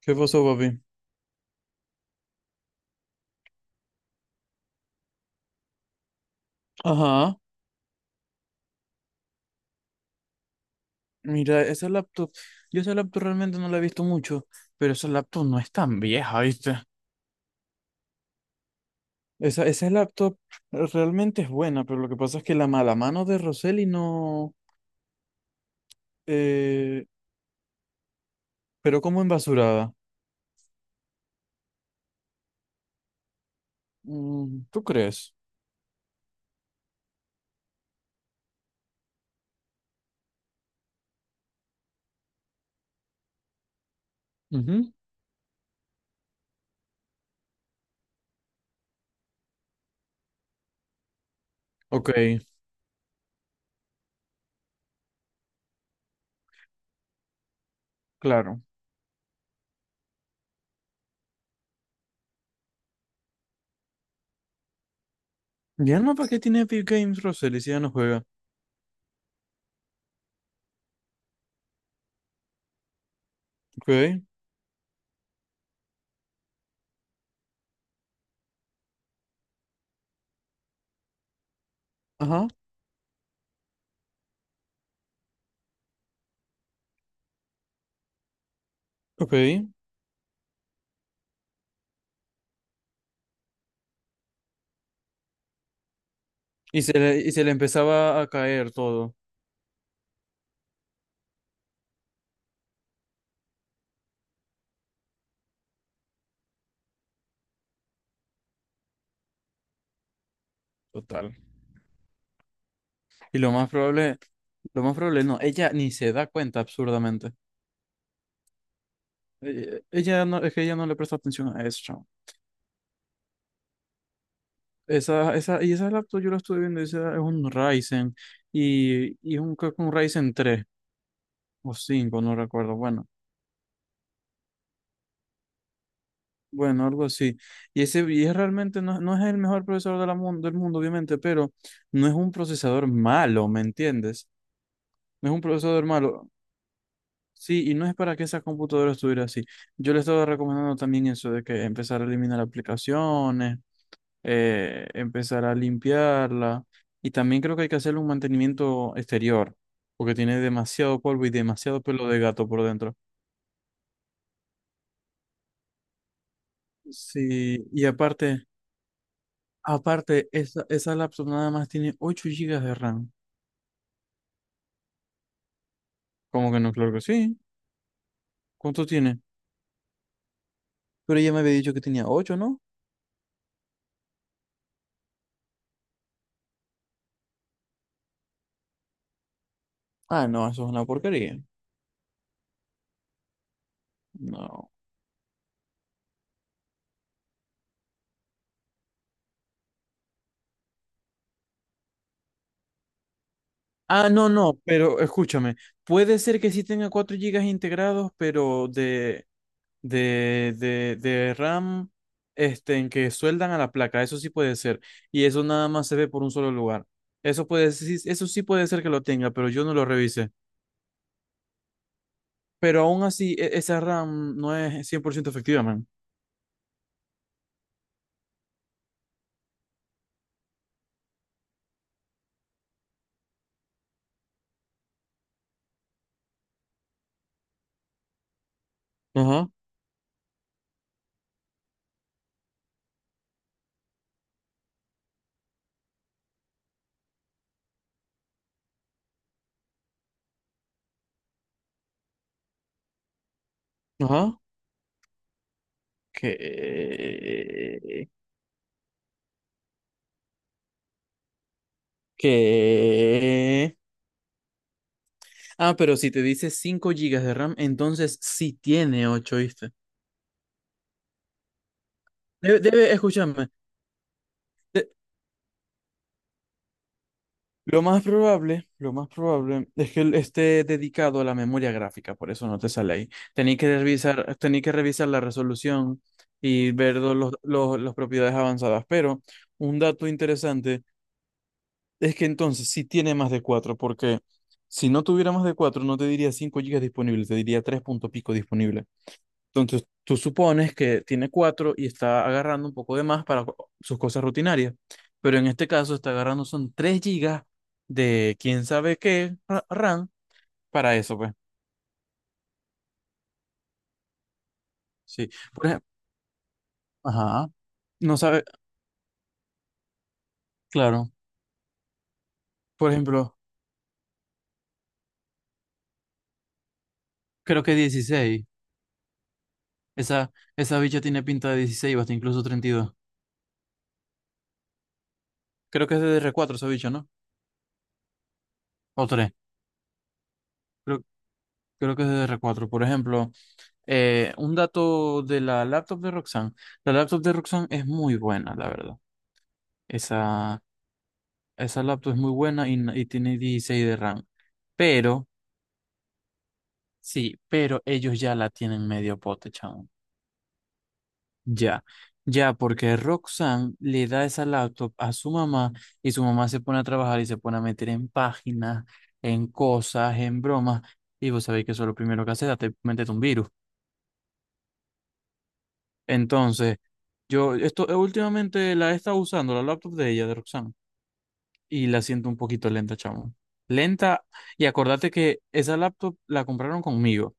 ¿Qué pasó, papi? Ajá. Mira, esa laptop, yo esa laptop realmente no la he visto mucho, pero esa laptop no es tan vieja, ¿viste? Esa laptop realmente es buena, pero lo que pasa es que la mala mano de Roseli no... eh, pero como embasurada. Mm, ¿tú crees? Ujú. Ok, claro. Ya no, ¿para qué tiene Epic Games Roseli si ya no juega? Ok, ajá, ok. Y se le empezaba a caer todo. Total. Y lo más probable no, ella ni se da cuenta absurdamente. Ella no, es que ella no le presta atención a eso, chamo. Y esa laptop yo la estuve viendo, esa es un Ryzen y un, creo que un Ryzen 3 o cinco, no recuerdo. Bueno, bueno, algo así. Y ese y es realmente no es el mejor procesador de la del mundo, obviamente, pero no es un procesador malo, ¿me entiendes? No es un procesador malo. Sí, y no es para que esa computadora estuviera así. Yo le estaba recomendando también eso de que empezar a eliminar aplicaciones, empezar a limpiarla. Y también creo que hay que hacerle un mantenimiento exterior, porque tiene demasiado polvo y demasiado pelo de gato por dentro. Sí, y aparte, aparte, esa laptop nada más tiene 8 gigas de RAM. ¿Cómo que no? Claro que sí. ¿Cuánto tiene? Pero ella me había dicho que tenía 8, ¿no? Ah, no, eso es una porquería. No. Ah, no, no, pero escúchame, puede ser que sí tenga 4 gigas integrados, pero de RAM, este, en que sueldan a la placa, eso sí puede ser, y eso nada más se ve por un solo lugar. Eso sí puede ser que lo tenga, pero yo no lo revisé. Pero aún así, esa RAM no es cien por ciento efectiva, man. Ajá, ajá. ¿Qué? ¿Qué? Ah, pero si te dice 5 gigas de RAM, entonces sí tiene 8, ¿viste? Escúchame. de- lo más probable, lo más probable es que él esté dedicado a la memoria gráfica, por eso no te sale ahí. Tenía que revisar la resolución y ver los, las propiedades avanzadas. Pero un dato interesante es que entonces sí tiene más de 4 porque si no tuviera más de 4 no te diría 5 gigas disponibles, te diría 3 punto pico disponible. Entonces, tú supones que tiene cuatro y está agarrando un poco de más para sus cosas rutinarias, pero en este caso está agarrando son 3 gigas de quién sabe qué RAM para eso, pues. Sí. Por ejemplo, ajá. No sabe, claro. Por ejemplo, creo que 16. Esa bicha tiene pinta de 16 o hasta incluso 32. Creo que es de DDR4 esa bicha, ¿no? O tres. Creo, creo que es de D D r cuatro. Por ejemplo, un dato de la laptop de Roxanne. La laptop de Roxanne es muy buena, la verdad. Esa, esa laptop es muy buena y tiene 16 de RAM. Pero, sí, pero ellos ya la tienen medio pote, chamo. Ya, ya, porque Roxanne le da esa laptop a su mamá y su mamá se pone a trabajar y se pone a meter en páginas, en cosas, en bromas. Y vos sabéis que eso es lo primero que hace, date, métete un virus. Entonces, yo, esto, últimamente la he estado usando, la laptop de ella, de Roxanne. Y la siento un poquito lenta, chamo. Lenta, y acordate que esa laptop la compraron conmigo.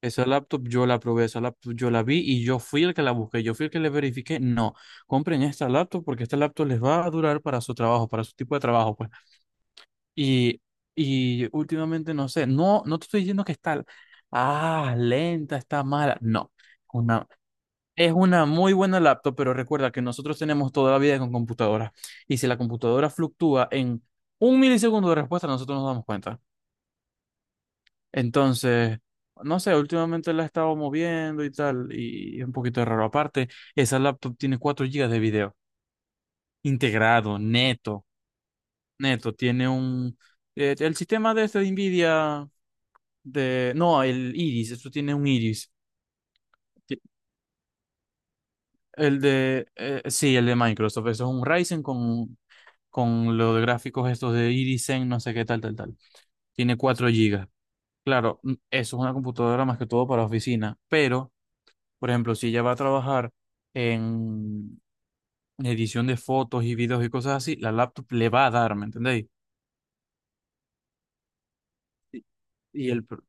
Esa laptop yo la probé, esa laptop yo la vi y yo fui el que la busqué, yo fui el que le verifiqué. No, compren esta laptop porque esta laptop les va a durar para su trabajo, para su tipo de trabajo, pues. Y, y últimamente no sé, no, no te estoy diciendo que está, ah, lenta, está mala. No, una, es una muy buena laptop, pero recuerda que nosotros tenemos toda la vida con computadora. Y si la computadora fluctúa en un milisegundo de respuesta, nosotros nos damos cuenta. Entonces, no sé, últimamente la he estado moviendo y tal, y es un poquito raro. Aparte, esa laptop tiene 4 gigas de video integrado, neto, neto. Tiene un... el sistema de este de NVIDIA, de... No, el Iris, eso tiene un Iris. El de, sí, el de Microsoft. Eso es un Ryzen con lo de gráficos estos de Irizen, no sé qué tal, tal, tal. Tiene 4 gigas. Claro, mm, eso es una computadora más que todo para oficina. Pero, por ejemplo, si ella va a trabajar en edición de fotos y videos y cosas así, la laptop le va a dar, ¿me entendéis? Y y el, pro-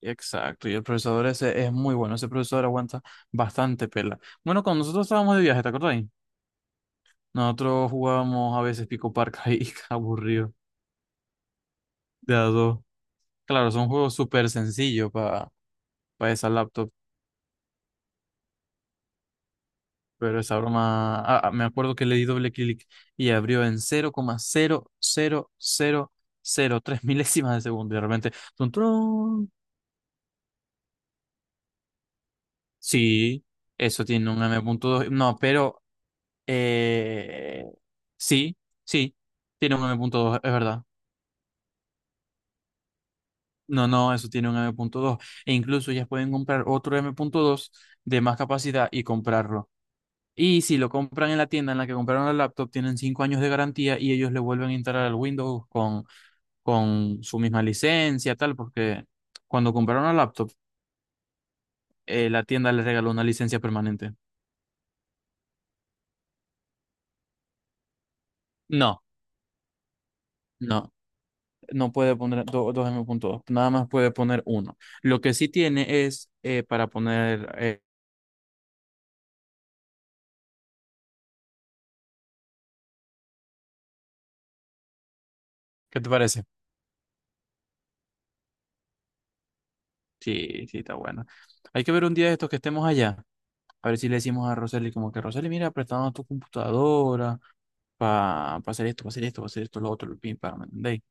exacto, y el procesador ese es muy bueno. Ese procesador aguanta bastante pela. Bueno, cuando nosotros estábamos de viaje, ¿te acordáis? Nosotros jugábamos a veces Pico Parca y aburrido, de a dos. Claro, son juegos súper sencillos para esa laptop, pero esa broma. Ah, ah, me acuerdo que le di doble clic y abrió en 0,00003 milésimas de segundo. Y de repente, ¡tun, turun! Sí, eso tiene un M.2. No, pero. eh, sí, sí, tiene un M.2, es verdad. No, no, eso tiene un M.2. E incluso ellas pueden comprar otro M.2 de más capacidad y comprarlo. Y si lo compran en la tienda en la que compraron la laptop, tienen 5 años de garantía y ellos le vuelven a instalar al Windows con su misma licencia, tal, porque cuando compraron la laptop, la tienda les regaló una licencia permanente. No, no, no puede poner dos M.2, nada más puede poner uno. Lo que sí tiene es para poner, ¿qué te parece? Sí, sí, está bueno. Hay que ver un día de estos que estemos allá. A ver si le decimos a Roseli como que Roseli, mira, prestamos tu computadora para hacer esto, para hacer esto, para hacer esto, lo otro, lo pim, para, ¿me entendéis?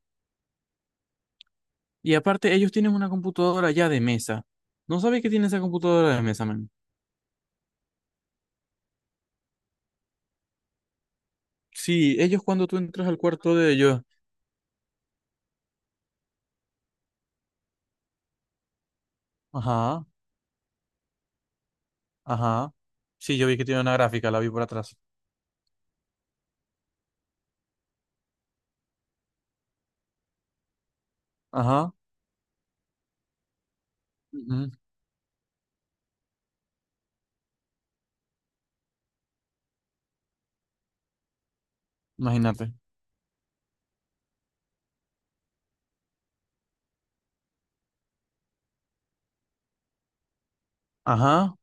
Y aparte, ellos tienen una computadora ya de mesa. ¿No sabéis que tiene esa computadora de mesa, man? Sí, ellos cuando tú entras al cuarto de ellos. Ajá, ajá. Sí, yo vi que tiene una gráfica, la vi por atrás. Ajá, ujú, imagínate. Ajá,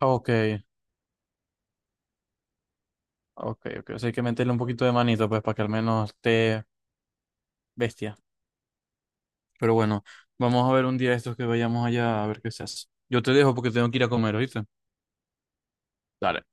ok, ok, ok. O sea, hay que meterle un poquito de manito, pues, para que al menos esté bestia. Pero bueno, vamos a ver un día estos que vayamos allá a ver qué se hace. Yo te dejo porque tengo que ir a comer, ¿oíste? Dale.